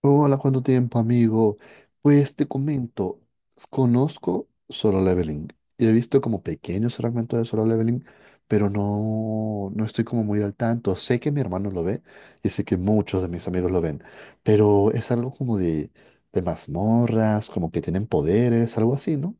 Hola, ¿cuánto tiempo, amigo? Pues te comento, conozco Solo Leveling y he visto como pequeños fragmentos de Solo Leveling, pero no estoy como muy al tanto. Sé que mi hermano lo ve y sé que muchos de mis amigos lo ven, pero es algo como de mazmorras, como que tienen poderes, algo así, ¿no?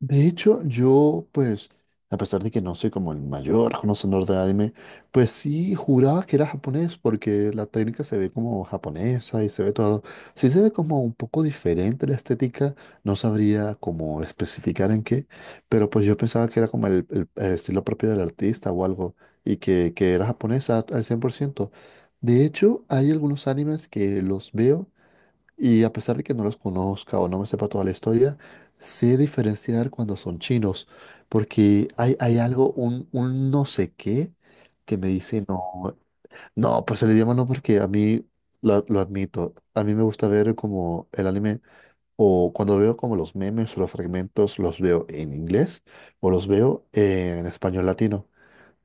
De hecho, yo, pues, a pesar de que no soy como el mayor conocedor de anime, pues sí juraba que era japonés, porque la técnica se ve como japonesa y se ve todo. Sí se ve como un poco diferente la estética, no sabría cómo especificar en qué, pero pues yo pensaba que era como el estilo propio del artista o algo, y que era japonesa al cien por ciento. De hecho, hay algunos animes que los veo. Y a pesar de que no los conozca o no me sepa toda la historia, sé diferenciar cuando son chinos, porque hay algo, un no sé qué, que me dice, no, no, pues el idioma no, porque a mí, lo admito, a mí me gusta ver como el anime, o cuando veo como los memes o los fragmentos, los veo en inglés o los veo en español latino.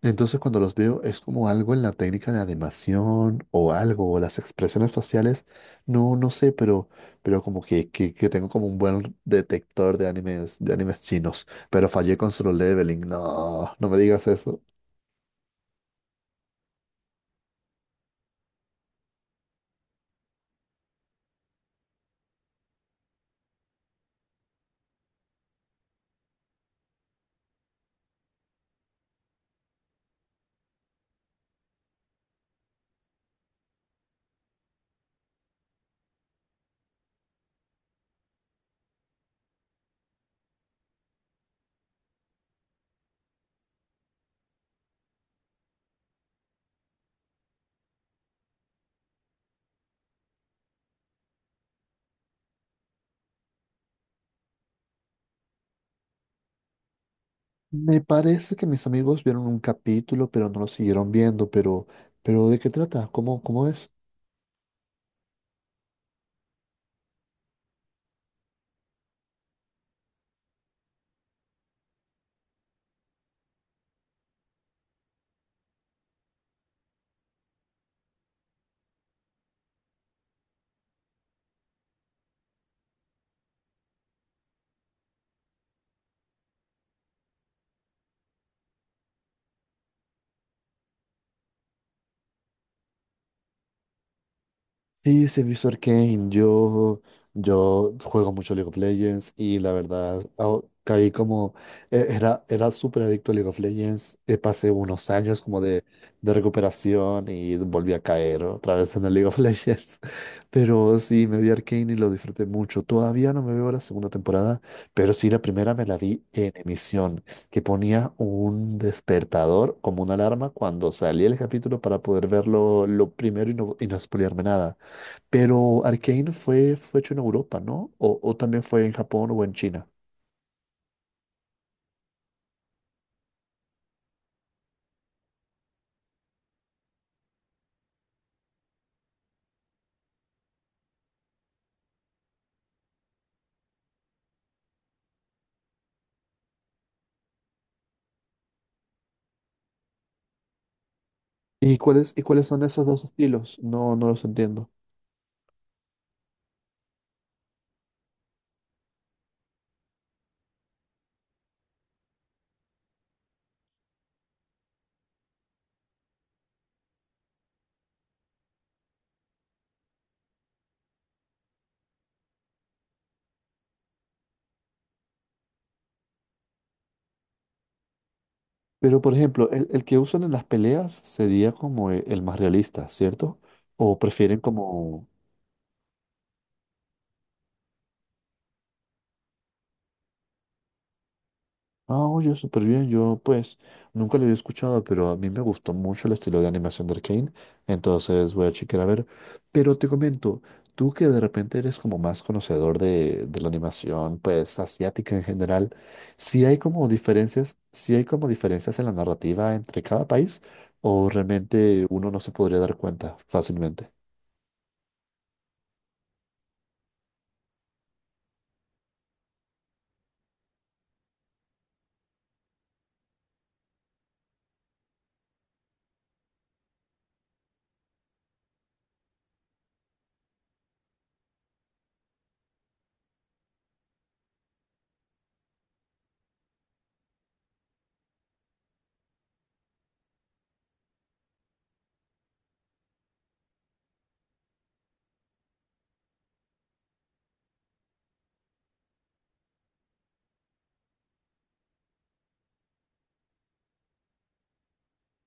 Entonces cuando los veo es como algo en la técnica de animación o algo, o las expresiones faciales, no, no sé, pero como que, que tengo como un buen detector de animes chinos, pero fallé con Solo Leveling, no, no me digas eso. Me parece que mis amigos vieron un capítulo, pero no lo siguieron viendo, pero ¿de qué trata? ¿Cómo, cómo es? Sí, se visto Arcane. Yo juego mucho League of Legends y la verdad caí como. Era, era súper adicto a League of Legends. Pasé unos años como de recuperación y volví a caer otra vez en el League of Legends. Pero sí, me vi Arcane y lo disfruté mucho. Todavía no me veo la segunda temporada, pero sí la primera me la vi en emisión, que ponía un despertador como una alarma cuando salía el capítulo para poder verlo lo primero y no spoilearme nada. Pero Arcane fue hecho en Europa, ¿no? O también fue en Japón o en China. Y cuáles son esos dos estilos? No, no los entiendo. Pero, por ejemplo, el que usan en las peleas sería como más realista, ¿cierto? ¿O prefieren como? Ah, oye, súper bien. Yo, pues, nunca lo había escuchado, pero a mí me gustó mucho el estilo de animación de Arcane. Entonces voy a chequear a ver. Pero te comento, tú que de repente eres como más conocedor de la animación, pues, asiática en general, si hay como diferencias, si hay como diferencias en la narrativa entre cada país, o realmente uno no se podría dar cuenta fácilmente.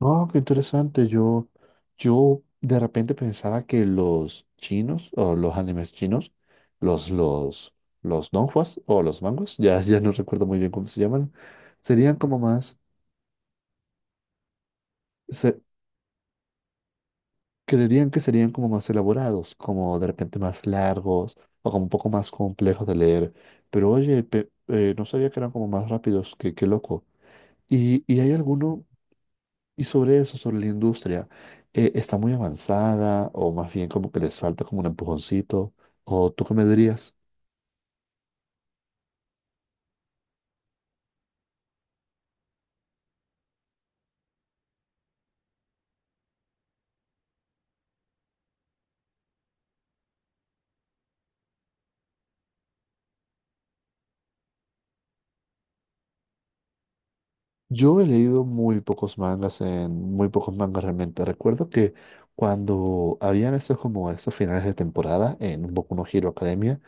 Oh, qué interesante. Yo de repente pensaba que los chinos o los animes chinos, los, los, los donghua o los manguas, ya, ya no recuerdo muy bien cómo se llaman, serían como más, se, creerían que serían como más elaborados, como de repente más largos o como un poco más complejos de leer. Pero oye, no sabía que eran como más rápidos, qué, qué loco. Y hay alguno? Y sobre eso, sobre la industria, ¿está muy avanzada o más bien como que les falta como un empujoncito? ¿O tú qué me dirías? Yo he leído muy pocos mangas en muy pocos mangas realmente. Recuerdo que cuando habían esos como esos finales de temporada en Boku no Hero Academia,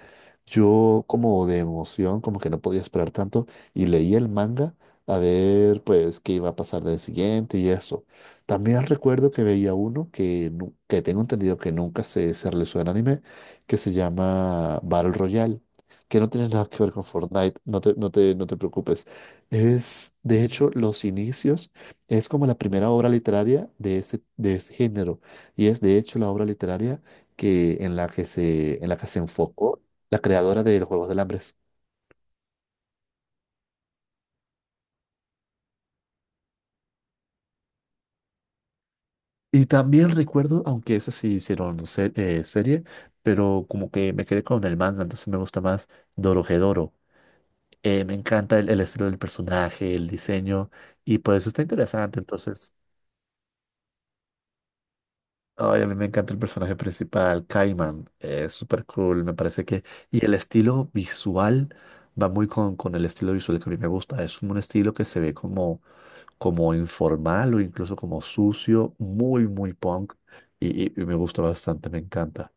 yo como de emoción, como que no podía esperar tanto y leí el manga a ver pues qué iba a pasar del siguiente y eso. También recuerdo que veía uno que, que tengo entendido que nunca se realizó en anime, que se llama Battle Royale, que no tiene nada que ver con Fortnite, no te preocupes. Es, de hecho, los inicios, es como la primera obra literaria de de ese género y es de hecho la obra literaria que, en la en la que se enfocó la creadora de los Juegos del Hambre. Y también recuerdo, aunque esas sí hicieron serie, pero como que me quedé con el manga, entonces me gusta más Dorohedoro. Me encanta el estilo del personaje, el diseño, y pues está interesante. Entonces, ay, a mí me encanta el personaje principal, Kaiman. Es súper cool, me parece que. Y el estilo visual va muy con el estilo visual que a mí me gusta. Es como un estilo que se ve como como informal o incluso como sucio, muy, muy punk, y me gusta bastante, me encanta.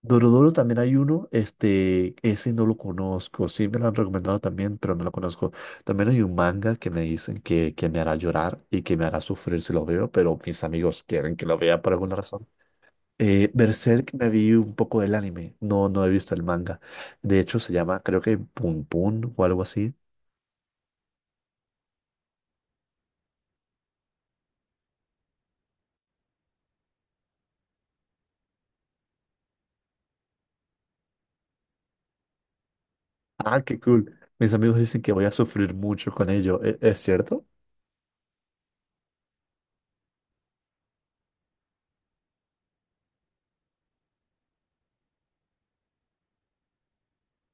Dorodoro también hay uno, este, ese no lo conozco, sí me lo han recomendado también, pero no lo conozco. También hay un manga que me dicen que me hará llorar y que me hará sufrir si lo veo, pero mis amigos quieren que lo vea por alguna razón. Berserk me vi un poco del anime, no, no he visto el manga. De hecho, se llama, creo que Pun Pun o algo así. Ah, qué cool. Mis amigos dicen que voy a sufrir mucho con ello. ¿Es cierto?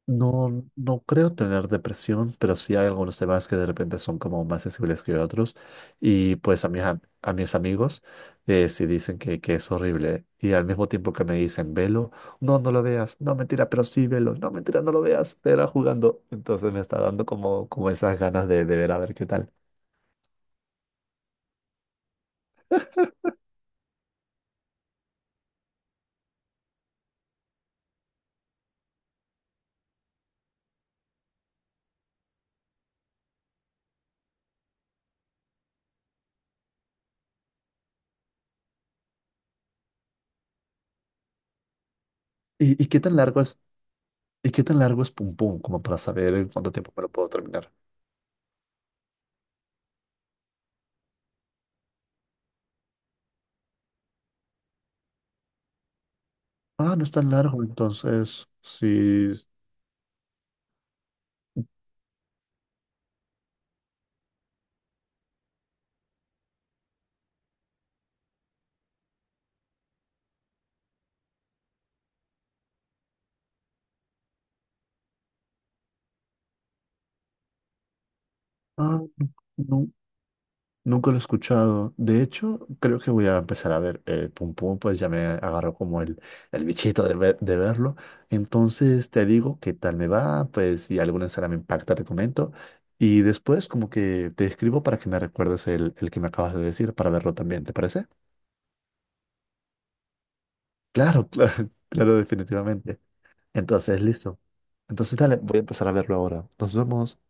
No, no creo tener depresión, pero sí hay algunos temas que de repente son como más sensibles que otros. Y pues a a mis amigos sí dicen que es horrible. Y al mismo tiempo que me dicen, velo, no, no lo veas. No, mentira, pero sí, velo. No, mentira, no lo veas. Te era jugando. Entonces me está dando como, como esas ganas de ver a ver qué tal. Y qué tan largo es? ¿Y qué tan largo es Pum Pum? Como para saber en cuánto tiempo me lo puedo terminar. Ah, no es tan largo entonces. Sí. Ah, nu- nunca lo he escuchado. De hecho, creo que voy a empezar a ver Pum Pum, pues ya me agarró como el bichito de, de verlo. Entonces te digo qué tal me va, pues si alguna escena me impacta, te comento. Y después como que te escribo para que me recuerdes el que me acabas de decir para verlo también, ¿te parece? Claro, claro, claro, definitivamente. Entonces, listo. Entonces, dale, voy a empezar a verlo ahora. Nos vemos.